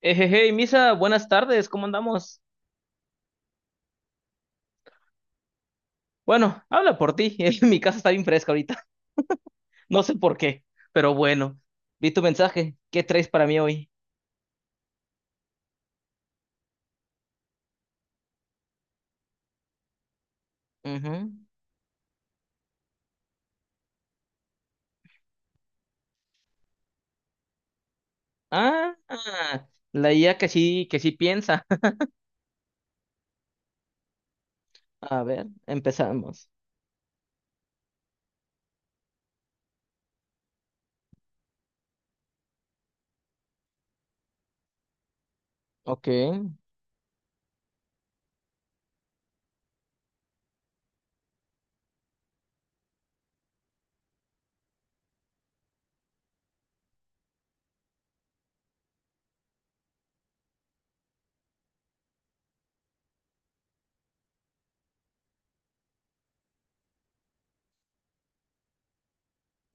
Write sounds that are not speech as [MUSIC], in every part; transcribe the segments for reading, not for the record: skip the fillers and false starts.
Hey, hey, Misa, buenas tardes, ¿cómo andamos? Bueno, habla por ti, [LAUGHS] mi casa está bien fresca ahorita, [LAUGHS] no sé por qué, pero bueno, vi tu mensaje, ¿qué traes para mí hoy? Ujú. Ah, la IA que sí piensa. [LAUGHS] A ver, empezamos. Ok,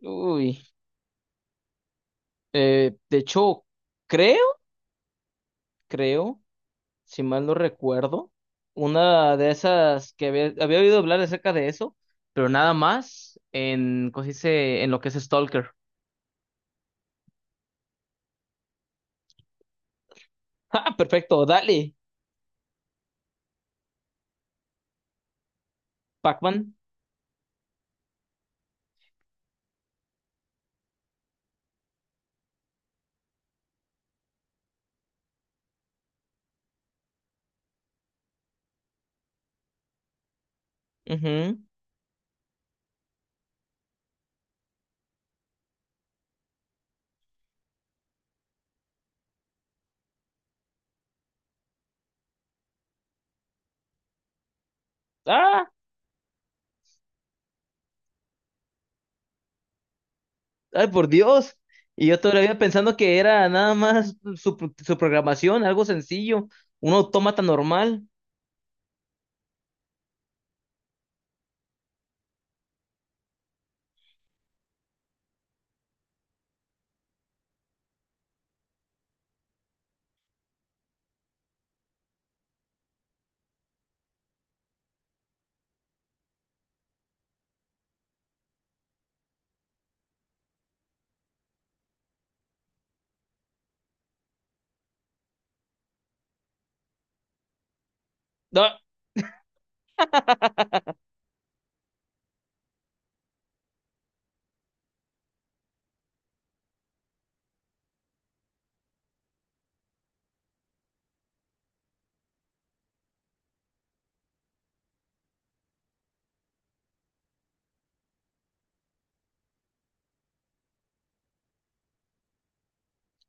uy, de hecho, creo, creo, si mal no recuerdo, una de esas que había oído hablar acerca de eso, pero nada más en, ¿cómo se dice?, en lo que es Stalker. Ah, perfecto, dale. Pac-Man. Ujú. Ah, ay, por Dios. Y yo todavía pensando que era nada más su programación, algo sencillo, un autómata normal. Ah, [LAUGHS]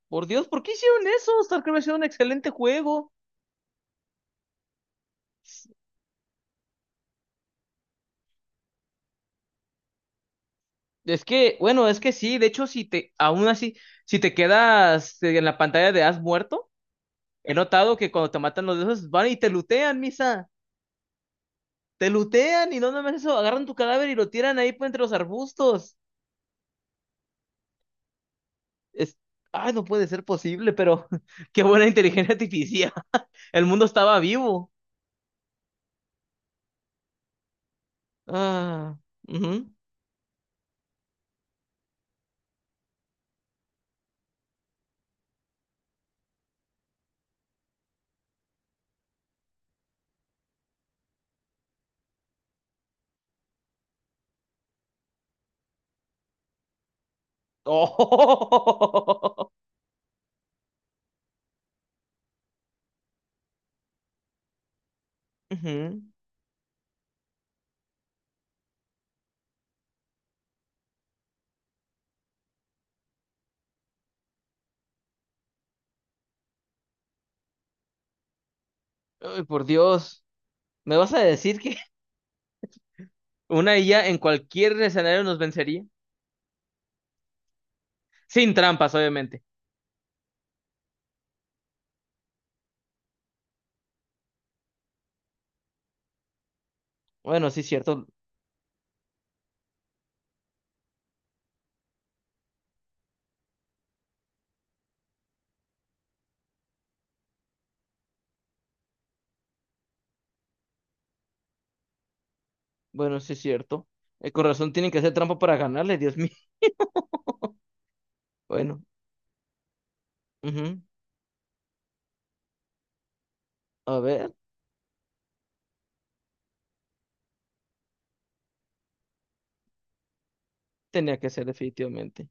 por Dios, ¿por qué hicieron eso? StarCraft es un excelente juego. Es que, bueno, es que sí, de hecho, aún así, si te quedas en la pantalla de has muerto, he notado que cuando te matan los de esos, van y te lutean, misa. Te lutean y no nada más eso, agarran tu cadáver y lo tiran ahí pues, entre los arbustos. Es, ay, no puede ser posible, pero [LAUGHS] qué buena inteligencia artificial. [LAUGHS] El mundo estaba vivo. Ah, ujú. Oh, [LAUGHS] ujú. Ay, por Dios. ¿Me vas a decir que [LAUGHS] una IA en cualquier escenario nos vencería? Sin trampas, obviamente. Bueno, sí es cierto. Bueno, sí es cierto. El corazón tiene que hacer trampa para ganarle, Dios mío. [LAUGHS] Bueno, ujú. A ver, tenía que ser definitivamente.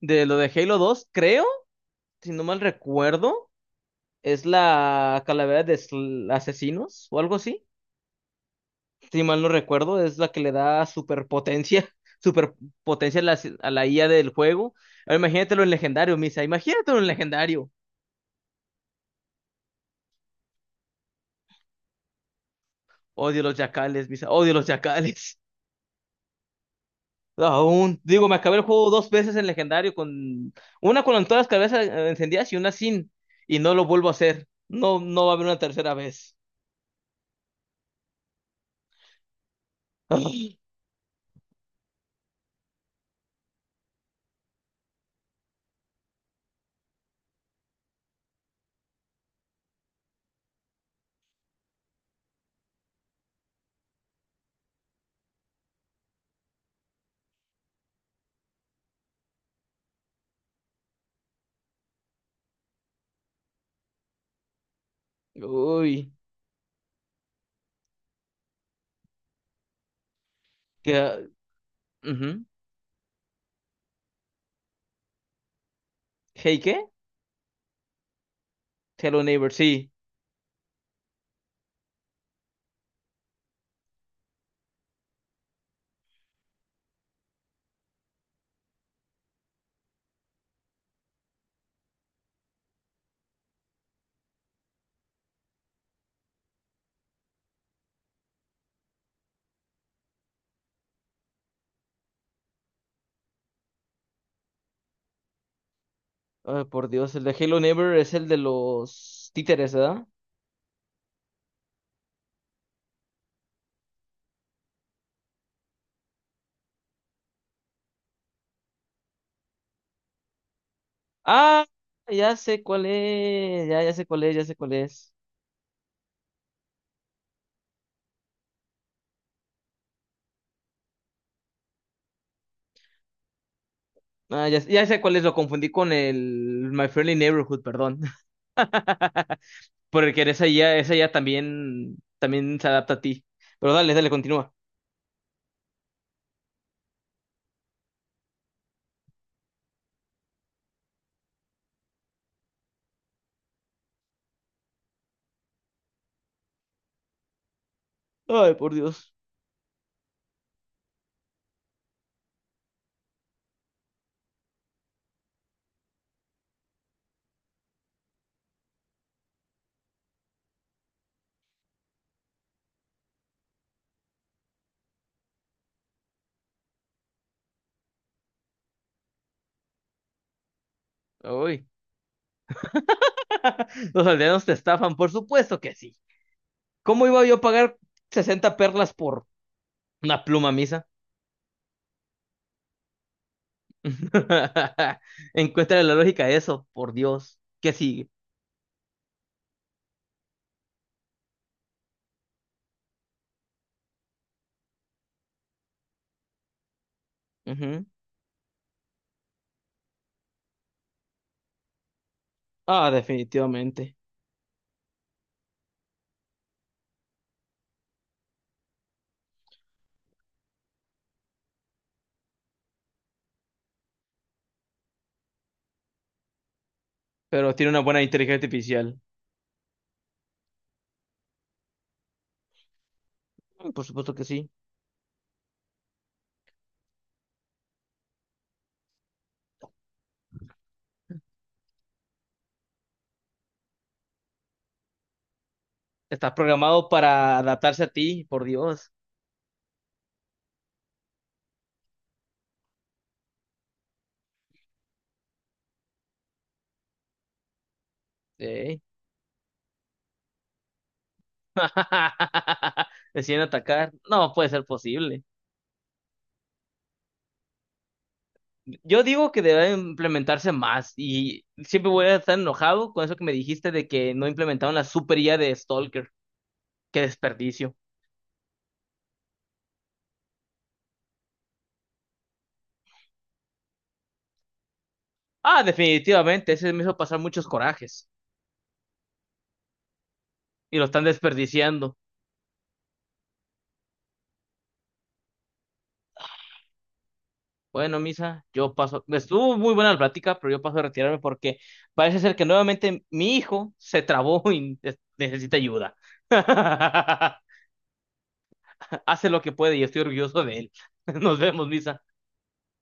De lo de Halo 2 creo, si no mal recuerdo. Es la calavera de asesinos o algo así. Si mal no recuerdo, es la que le da superpotencia, [LAUGHS] superpotencia a la, si-, a la IA del juego. Ahora imagínatelo en legendario, Misa. Imagínatelo en legendario. Odio los yacales, Misa. Odio los yacales. [LAUGHS] Aún. Digo, me acabé el juego 2 veces en legendario con una con todas las cabezas encendidas y una sin. Y no lo vuelvo a hacer. No, no va a haber una tercera vez. [LAUGHS] Uy. Que, ah, ujú. Hey, ¿qué? Hello Neighbor, sí. Ay, por Dios, el de Halo Never es el de los títeres, ¿verdad? Ah, ya sé cuál es, ya sé cuál es, ya sé cuál es. Ah, ya, ya sé cuál es, lo confundí con el My Friendly Neighborhood, perdón. [LAUGHS] Porque esa ya también, también se adapta a ti. Pero dale, dale, continúa. Ay, por Dios. Uy. [LAUGHS] Los aldeanos te estafan, por supuesto que sí. ¿Cómo iba yo a pagar 60 perlas por una pluma misa? [LAUGHS] Encuentra la lógica de eso, por Dios. ¿Qué sigue? Ujú. Ah, definitivamente. Pero tiene una buena inteligencia artificial. Mm, por supuesto que sí. Está programado para adaptarse a ti, por Dios. Sí. [LAUGHS] Deciden atacar. No puede ser posible. Yo digo que debe implementarse más y siempre voy a estar enojado con eso que me dijiste de que no implementaron la super IA de Stalker. Qué desperdicio. Ah, definitivamente, ese me hizo pasar muchos corajes y lo están desperdiciando. Bueno, Misa, yo paso, estuvo muy buena la plática, pero yo paso a retirarme porque parece ser que nuevamente mi hijo se trabó y necesita ayuda. [LAUGHS] Hace lo que puede y estoy orgulloso de él. [LAUGHS] Nos vemos, Misa.